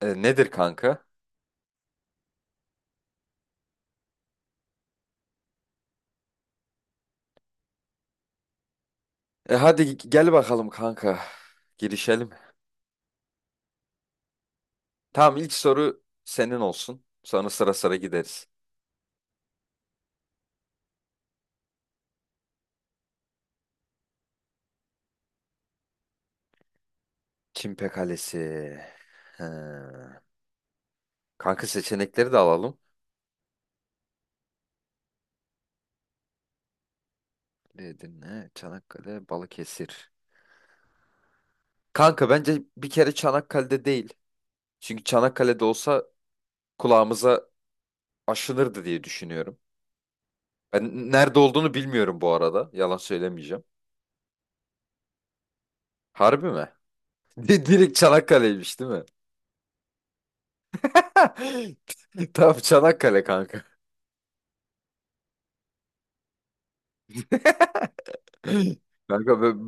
Nedir kanka? Hadi gel bakalım kanka. Girişelim. Tamam, ilk soru senin olsun. Sonra sıra sıra gideriz. Çimpe Kalesi. He. Kanka seçenekleri de alalım. Edirne, Çanakkale, Balıkesir. Kanka bence bir kere Çanakkale'de değil. Çünkü Çanakkale'de olsa kulağımıza aşınırdı diye düşünüyorum. Ben nerede olduğunu bilmiyorum bu arada. Yalan söylemeyeceğim. Harbi mi? Direkt Çanakkale'ymiş değil mi? Tam Çanakkale kanka. Kanka bö-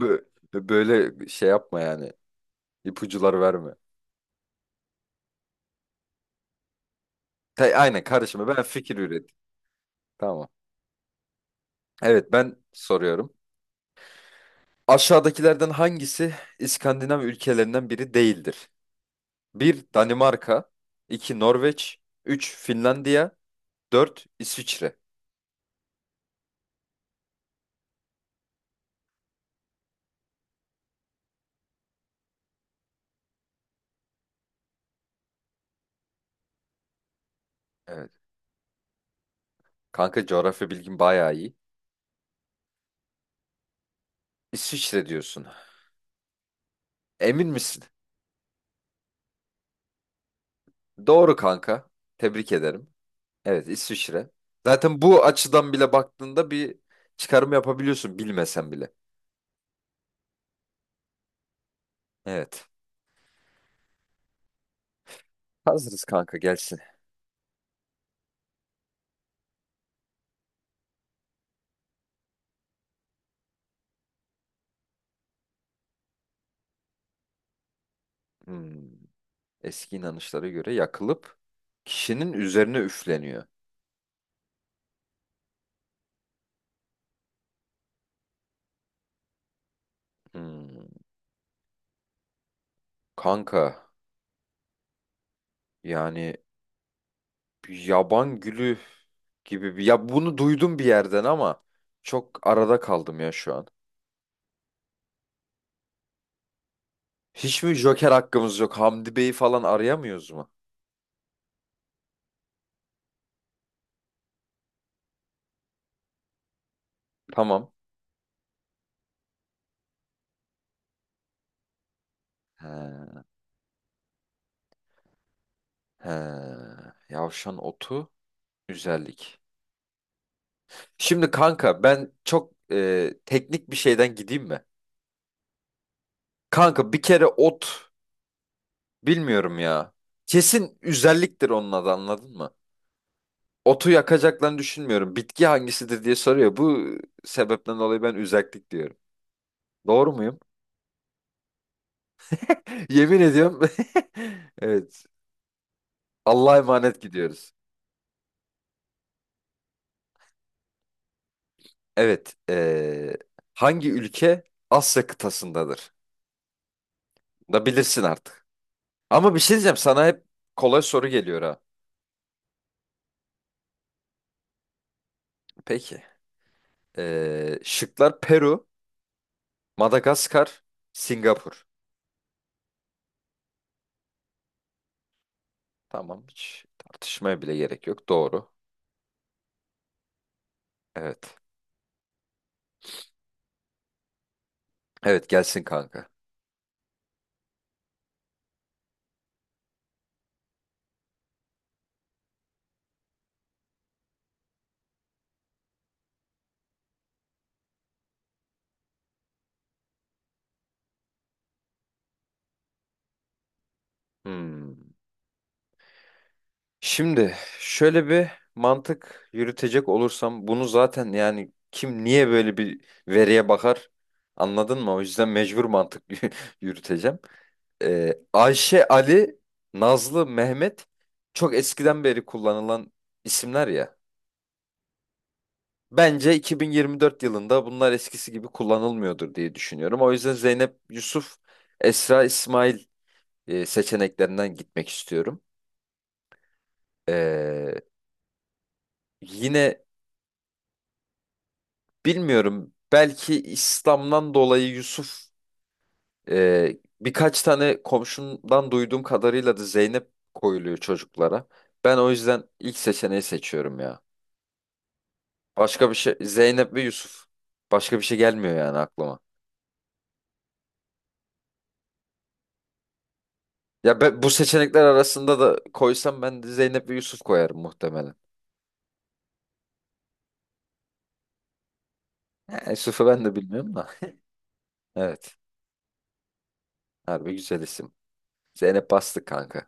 bö- böyle şey yapma yani. İpucular verme. Aynen, karışma, ben fikir üret. Tamam. Evet, ben soruyorum. Aşağıdakilerden hangisi İskandinav ülkelerinden biri değildir? Bir, Danimarka. İki Norveç. Üç, Finlandiya. Dört, İsviçre. Evet. Kanka, coğrafya bilgin bayağı iyi. İsviçre diyorsun. Emin misin? Doğru kanka. Tebrik ederim. Evet, İsviçre. Zaten bu açıdan bile baktığında bir çıkarım yapabiliyorsun, bilmesen bile. Evet. Hazırız kanka, gelsin. Hmm. Eski inanışlara göre yakılıp kişinin üzerine üfleniyor. Hmm. Kanka, yani bir yaban gülü gibi bir, ya bunu duydum bir yerden ama çok arada kaldım ya şu an. Hiç mi Joker hakkımız yok? Hamdi Bey'i falan arayamıyoruz mu? Tamam. He, he. Yavşan otu, güzellik. Şimdi kanka ben çok teknik bir şeyden gideyim mi? Kanka bir kere ot bilmiyorum ya. Kesin özelliktir onun adı, anladın mı? Otu yakacaklarını düşünmüyorum. Bitki hangisidir diye soruyor. Bu sebepten dolayı ben özellik diyorum. Doğru muyum? Yemin ediyorum. Evet. Allah'a emanet gidiyoruz. Evet. Hangi ülke Asya kıtasındadır? Da bilirsin artık. Ama bir şey diyeceğim sana, hep kolay soru geliyor ha. Peki. Şıklar: Peru, Madagaskar, Singapur. Tamam, hiç tartışmaya bile gerek yok. Doğru. Evet. Evet, gelsin kanka. Hmm. Şimdi şöyle bir mantık yürütecek olursam, bunu zaten yani kim niye böyle bir veriye bakar, anladın mı? O yüzden mecbur mantık yürüteceğim. Ayşe, Ali, Nazlı, Mehmet çok eskiden beri kullanılan isimler ya. Bence 2024 yılında bunlar eskisi gibi kullanılmıyordur diye düşünüyorum. O yüzden Zeynep Yusuf, Esra İsmail seçeneklerinden gitmek istiyorum. Ee, Yine bilmiyorum, belki İslam'dan dolayı Yusuf, birkaç tane komşumdan duyduğum kadarıyla da Zeynep koyuluyor çocuklara. Ben o yüzden ilk seçeneği seçiyorum ya. Başka bir şey, Zeynep ve Yusuf. Başka bir şey gelmiyor yani aklıma. Ya ben, bu seçenekler arasında da koysam, ben de Zeynep ve Yusuf koyarım muhtemelen. Ha, Yusuf'u ben de bilmiyorum da. Evet. Harbi güzel isim. Zeynep bastık kanka.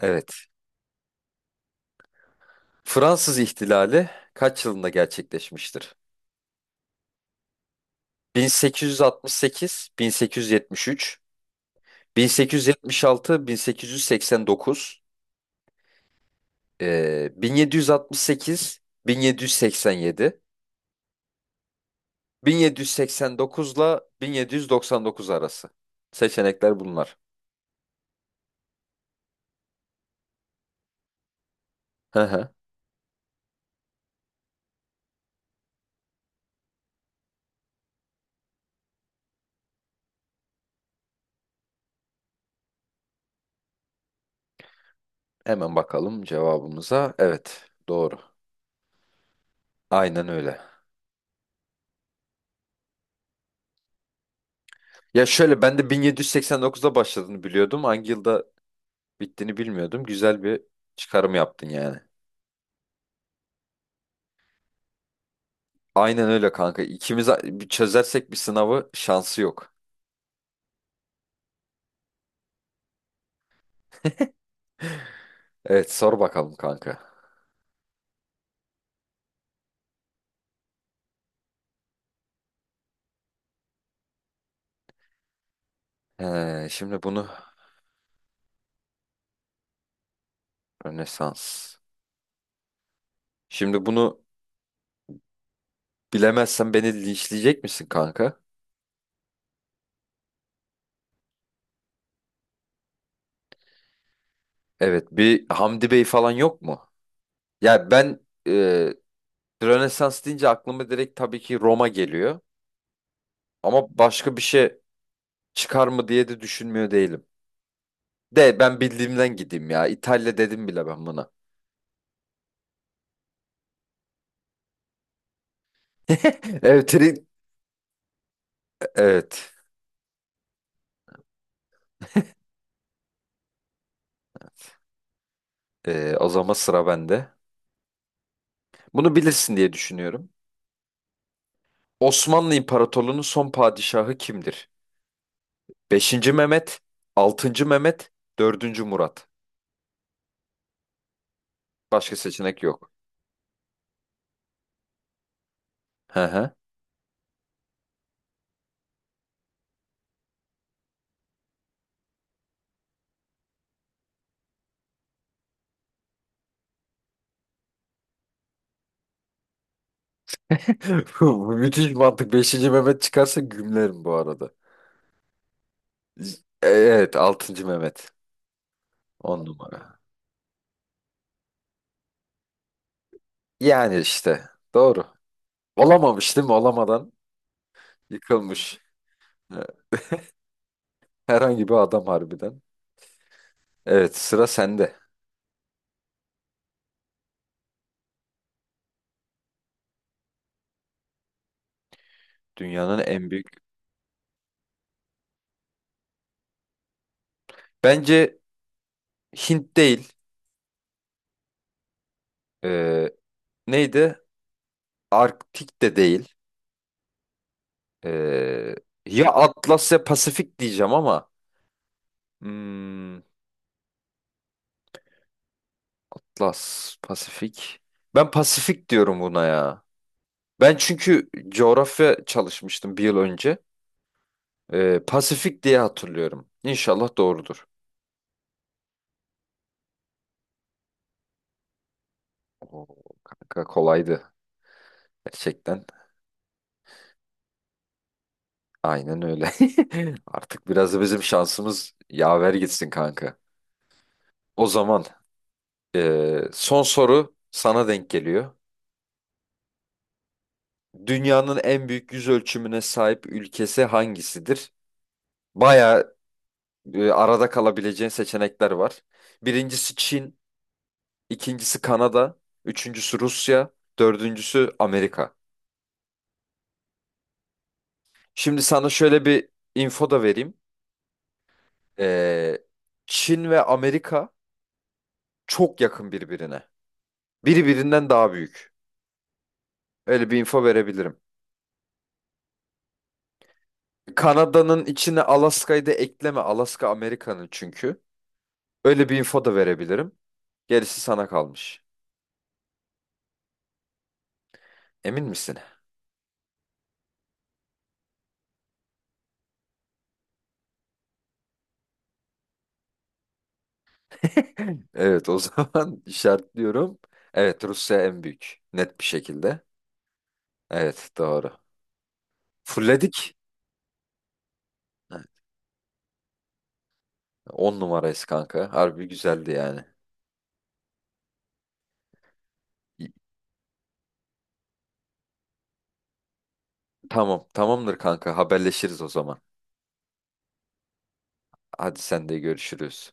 Evet. Fransız ihtilali kaç yılında gerçekleşmiştir? 1868, 1873, 1876, 1889, 1768, 1787, 1789 ile 1799 arası. Seçenekler bunlar. Hemen bakalım cevabımıza. Evet, doğru. Aynen öyle. Ya şöyle, ben de 1789'da başladığını biliyordum. Hangi yılda bittiğini bilmiyordum. Güzel bir çıkarım yaptın yani. Aynen öyle kanka. İkimiz bir çözersek bir sınavı, şansı yok. Evet, sor bakalım kanka. Şimdi bunu Rönesans. Şimdi bunu bilemezsen beni linçleyecek misin kanka? Evet, bir Hamdi Bey falan yok mu? Ya ben, e, Rönesans deyince aklıma direkt tabii ki Roma geliyor. Ama başka bir şey çıkar mı diye de düşünmüyor değilim. De ben bildiğimden gideyim ya. İtalya dedim bile ben buna. Evet. Evet. O zaman sıra bende. Bunu bilirsin diye düşünüyorum. Osmanlı İmparatorluğu'nun son padişahı kimdir? Beşinci Mehmet, 6. Mehmet, dördüncü Murat. Başka seçenek yok. Hı hı. Bu müthiş mantık. Beşinci Mehmet çıkarsa gümlerim bu arada. Evet, 6. Mehmet. On numara. Yani işte. Doğru. Olamamış değil mi? Olamadan yıkılmış. Ee, Herhangi bir adam harbiden. Evet, sıra sende. Dünyanın en büyük. Bence Hint değil. Ee, Neydi? Arktik de değil. Ee, Ya Atlas ya Pasifik diyeceğim ama. Hmm, Atlas, Pasifik. Ben Pasifik diyorum buna ya. Ben çünkü coğrafya çalışmıştım bir yıl önce. Pasifik diye hatırlıyorum. İnşallah doğrudur. Oo, kanka kolaydı gerçekten. Aynen öyle. Artık biraz da bizim şansımız yaver gitsin kanka. O zaman son soru sana denk geliyor. Dünyanın en büyük yüz ölçümüne sahip ülkesi hangisidir? Baya arada kalabileceğin seçenekler var. Birincisi Çin, ikincisi Kanada, üçüncüsü Rusya, dördüncüsü Amerika. Şimdi sana şöyle bir info da vereyim. Eee, Çin ve Amerika çok yakın birbirine. Biri birinden daha büyük. Öyle bir info verebilirim. Kanada'nın içine Alaska'yı da ekleme. Alaska Amerika'nın çünkü. Öyle bir info da verebilirim. Gerisi sana kalmış. Emin misin? Evet, o zaman işaretliyorum. Evet, Rusya en büyük. Net bir şekilde. Evet, doğru. Fulledik. 10 numarayız kanka. Harbi güzeldi yani. İyi. Tamam, tamamdır kanka, haberleşiriz o zaman. Hadi, sen de görüşürüz.